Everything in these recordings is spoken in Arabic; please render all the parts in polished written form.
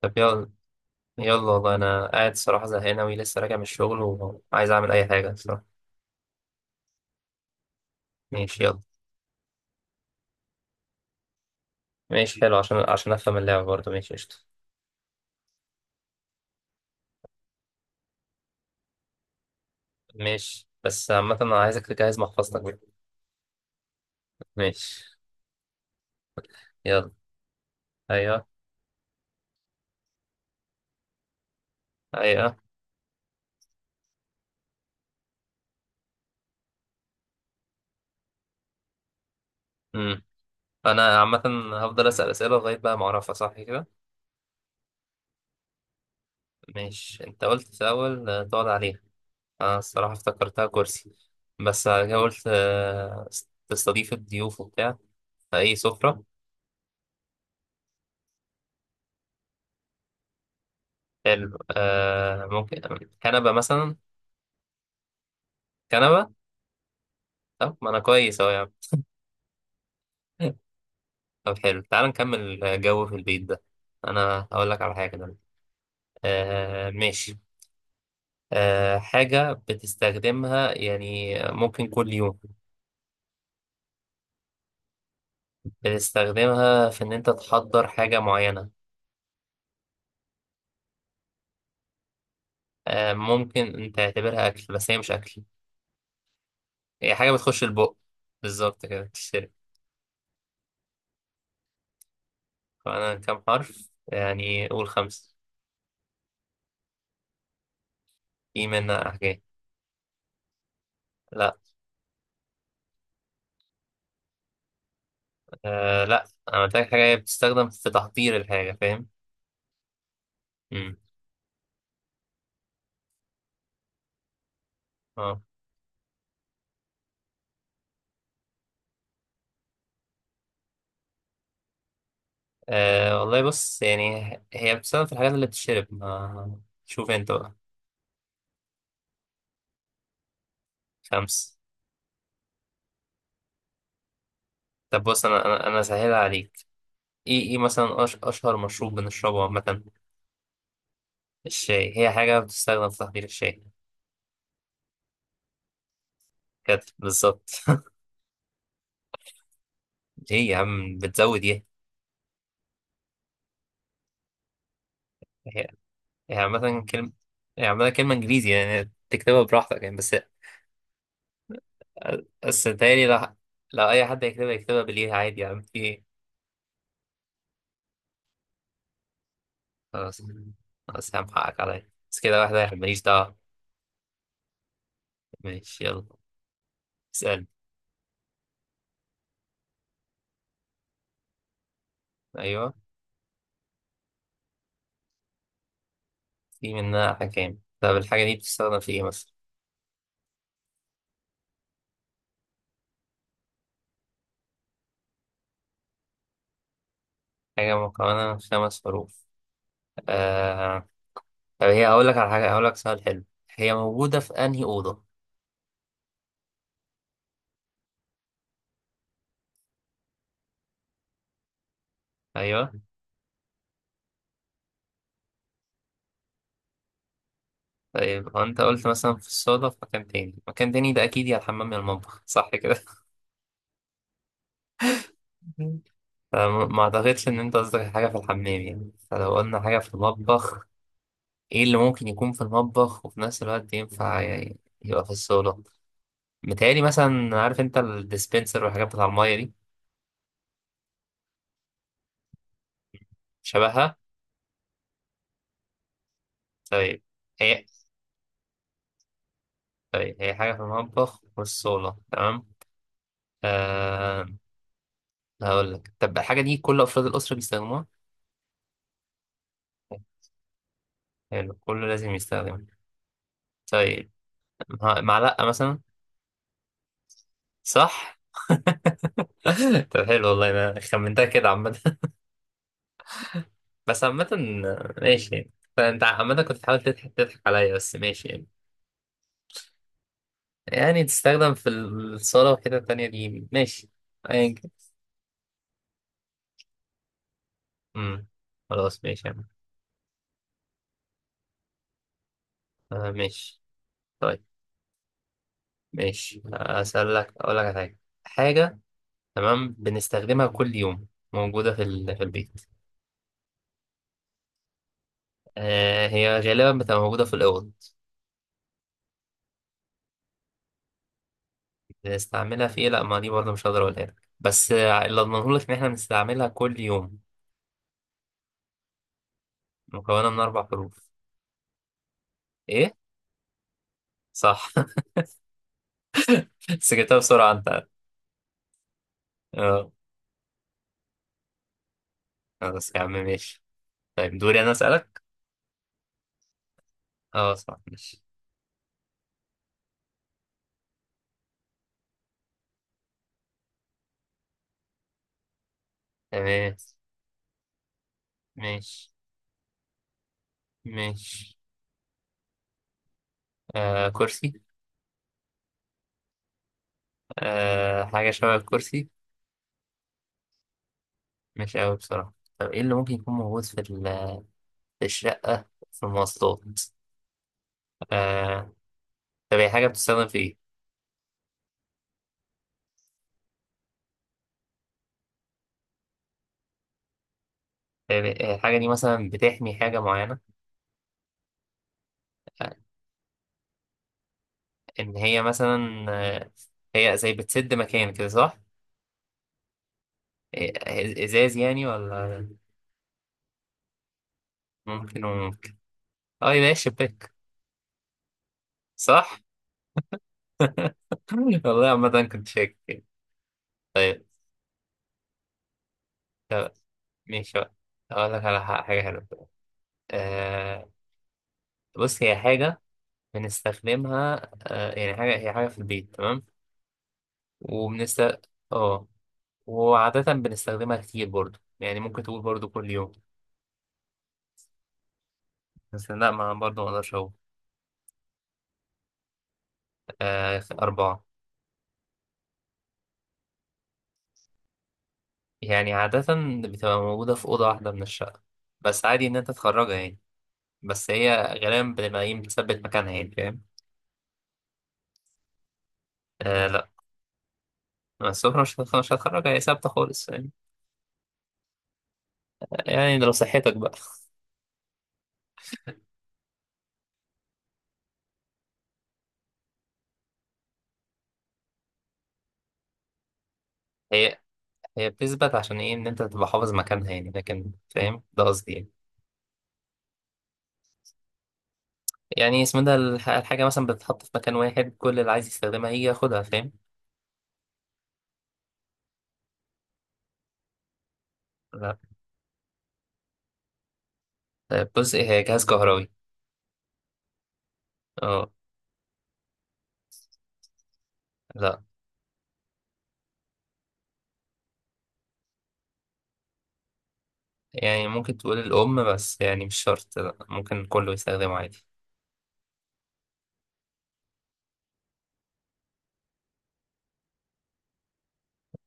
طب، يلا يلا والله. انا قاعد صراحة زهقان اوي، لسه راجع من الشغل وعايز اعمل اي حاجة صراحة. ماشي يلا. ماشي حلو، عشان افهم اللعبة برضه، ماشي قشطة. ماشي، بس عامة انا عايزك تجهز محفظتك بقى. ماشي يلا. ايوه، ايوه. امم انا عامة هفضل اسأل اسئلة لغاية بقى ما اعرفها صح كده. ماشي، انت قلت في الاول تقعد عليها. انا الصراحة افتكرتها كرسي، بس أنا قلت تستضيف الضيوف وبتاع، فايه سفرة. حلو، ممكن كنبة مثلا. كنبة. طب ما أنا كويس أهو يا عم. طب حلو، تعال نكمل جو في البيت ده. أنا هقول لك على حاجة دلوقتي. آه ماشي. حاجة بتستخدمها يعني ممكن كل يوم. بتستخدمها في إن أنت تحضر حاجة معينة. ممكن أنت تعتبرها أكل، بس هي مش أكل. هي حاجة بتخش البق. بالظبط كده، بتشتري. فأنا كام حرف؟ يعني قول 5. في منها حاجات. لا. آه لا. انا محتاج حاجه بتستخدم في تحضير الحاجه، فاهم. امم. اه. والله بص، يعني هي بتستخدم في الحاجات اللي بتشرب، ما شوف انت بقى. خمس. طب بص، انا سهلها عليك. ايه مثلا، اشهر مشروب بنشربه عامه. الشاي. هي حاجه بتستخدم في تحضير الشاي. كده بالظبط. ايه يا عم بتزود ايه؟ هي هي عامه كلمه هي عامه كلمه انجليزي يعني، تكتبها براحتك يعني بس. بس تهيألي لو اي حد يكتبها بالايه عادي يعني، في إيه؟ خلاص. خلاص يا عم، حقك عليا، بس كده واحدة واحد ماليش دعوة. ماشي يلا. اسأل. أيوه. في منها أحكام. طب الحاجة دي بتستخدم في إيه مثلا؟ حاجة مكونة من 5 حروف. آه... طب هي، هقول لك على حاجة، هقول لك سؤال حلو. هي موجودة في أنهي أوضة؟ أيوه. طيب، هو أنت قلت مثلا في الصالة، في مكان تاني. مكان تاني ده أكيد يا الحمام يا المطبخ، صح كده؟ فما ما أعتقدش إن أنت قصدك حاجة في الحمام، يعني فلو قلنا حاجة في المطبخ. ايه اللي ممكن يكون في المطبخ وفي نفس الوقت ينفع يبقى في الصالة؟ متهيألي مثلا، عارف انت الديسبنسر والحاجات بتاع المية دي. شبهها. طيب، هي طيب هي حاجة في المطبخ وفي الصالة، تمام. آه. هقول لك، طب الحاجة دي كل أفراد الأسرة بيستخدموها. حلو، كله لازم يستخدمها. طيب. معلقة مثلا. صح. طب حلو، والله أنا خمنتها كده عامة. بس عامة، ماشي يعني. فأنت عامة كنت بتحاول تضحك تضحك عليا، بس ماشي يعني. يعني تستخدم في الصالة وحتة تانية دي، ماشي. أيا كان. أمم، خلاص ماشي يا عم. آه ماشي. طيب. ماشي أسألك. أقول لك على حاجة. حاجة، تمام بنستخدمها كل يوم، موجودة في في البيت. آه، هي غالبا بتبقى موجودة في الأوض. بنستعملها في إيه؟ لأ، ما دي برضه مش هقدر أقولها لك. بس اللي أضمنه لك إن إحنا بنستعملها كل يوم. مكونة من 4 حروف. إيه؟ صح. بس جبتها بسرعة أنت. آه. خلاص يا عم ماشي. طيب، دوري أنا أسألك؟ أه صح، ماشي. تمام. ماشي. ماشي. آه كرسي. حاجة شبه الكرسي. مش أوي بصراحة. طب إيه اللي ممكن يكون موجود في في الشقة، في المواصلات. آه. طب هي حاجة بتستخدم في إيه؟ يعني الحاجة دي مثلا بتحمي حاجة معينة. آه، إن هي مثلا، هي زي بتسد مكان كده، صح؟ إيه، إزاز يعني ولا؟ ممكن وممكن. أه يبقى هي الشباك، صح؟ والله عامة كنت شاكك. طيب ماشي بقى. أقول لك على حاجة حلوة. آه بص، هي حاجة بنستخدمها يعني، حاجة هي حاجة في البيت، تمام. وبنست. اه. وعادة بنستخدمها كتير برضو، يعني ممكن تقول برضو كل يوم. بس لا، ما برضو ما اقدرش اقول. آه 4. يعني عادة بتبقى موجودة في أوضة واحدة من الشقة، بس عادي إن أنت تخرجها يعني. بس هي غالبا بتبقى مثبت مكانها يعني، فاهم. آه لا، السفرة مش هتخرجها، هي ثابتة خالص يعني. يعني ده لو صحتك بقى. هي هي بتثبت عشان ايه؟ ان انت تبقى حافظ مكانها يعني، لكن فاهم ده قصدي يعني. يعني اسمه ده الحاجه مثلا بتتحط في مكان واحد، كل اللي عايز يستخدمها هي ياخدها، فاهم. لا. طيب بص، هي جهاز كهربي. اه. لا. يعني ممكن تقول الام، بس يعني مش شرط، لا ممكن كله يستخدمه عادي.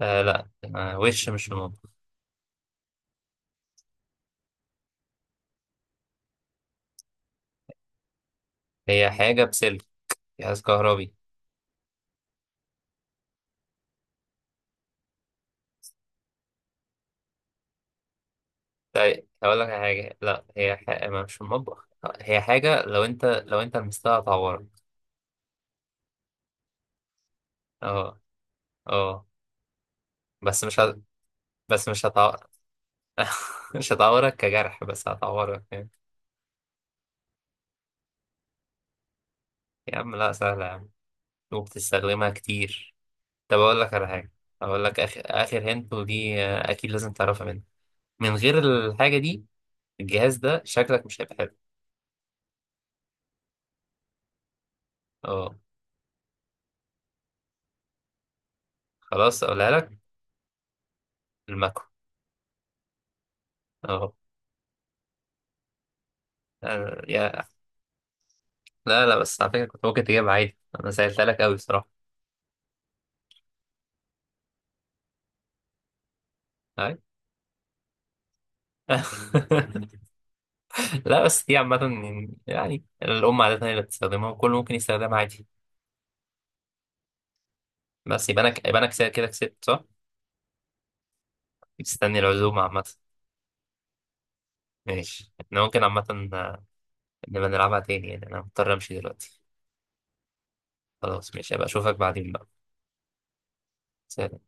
آه لا. وش مش ريموت. هي حاجه بسلك، جهاز كهربي. طيب هقول لك على حاجه، لا هي حاجة ما مش المطبخ، هي حاجه لو انت لمستها هتعورك. اه. اه. بس مش هت... بس مش هتع... مش هتعورك كجرح، بس هتعورك يعني. يا عم لا، سهلة يا عم. وبتستخدمها كتير. طب أقول لك على حاجة. أقول لك آخر آخر هنت، ودي أكيد لازم تعرفها مني. من غير الحاجة دي، الجهاز ده شكلك مش هيبقى حلو. أه. خلاص أقولها لك. الماكو. أه. آه، يا. لا لا، بس على فكرة كنت ممكن تجيبها عادي، أنا سهلتها لك أوي بصراحة. أي. لا بس دي عامة، يعني الأم عادة هي اللي بتستخدمها وكل ممكن يستخدمها عادي. بس يبقى أنا، كده كده كسبت، صح؟ مستني العزومة عامة. ماشي، احنا ممكن عامة نبقى نلعبها تاني، يعني انا مضطر امشي دلوقتي. خلاص ماشي، ابقى اشوفك بعدين بقى. سلام.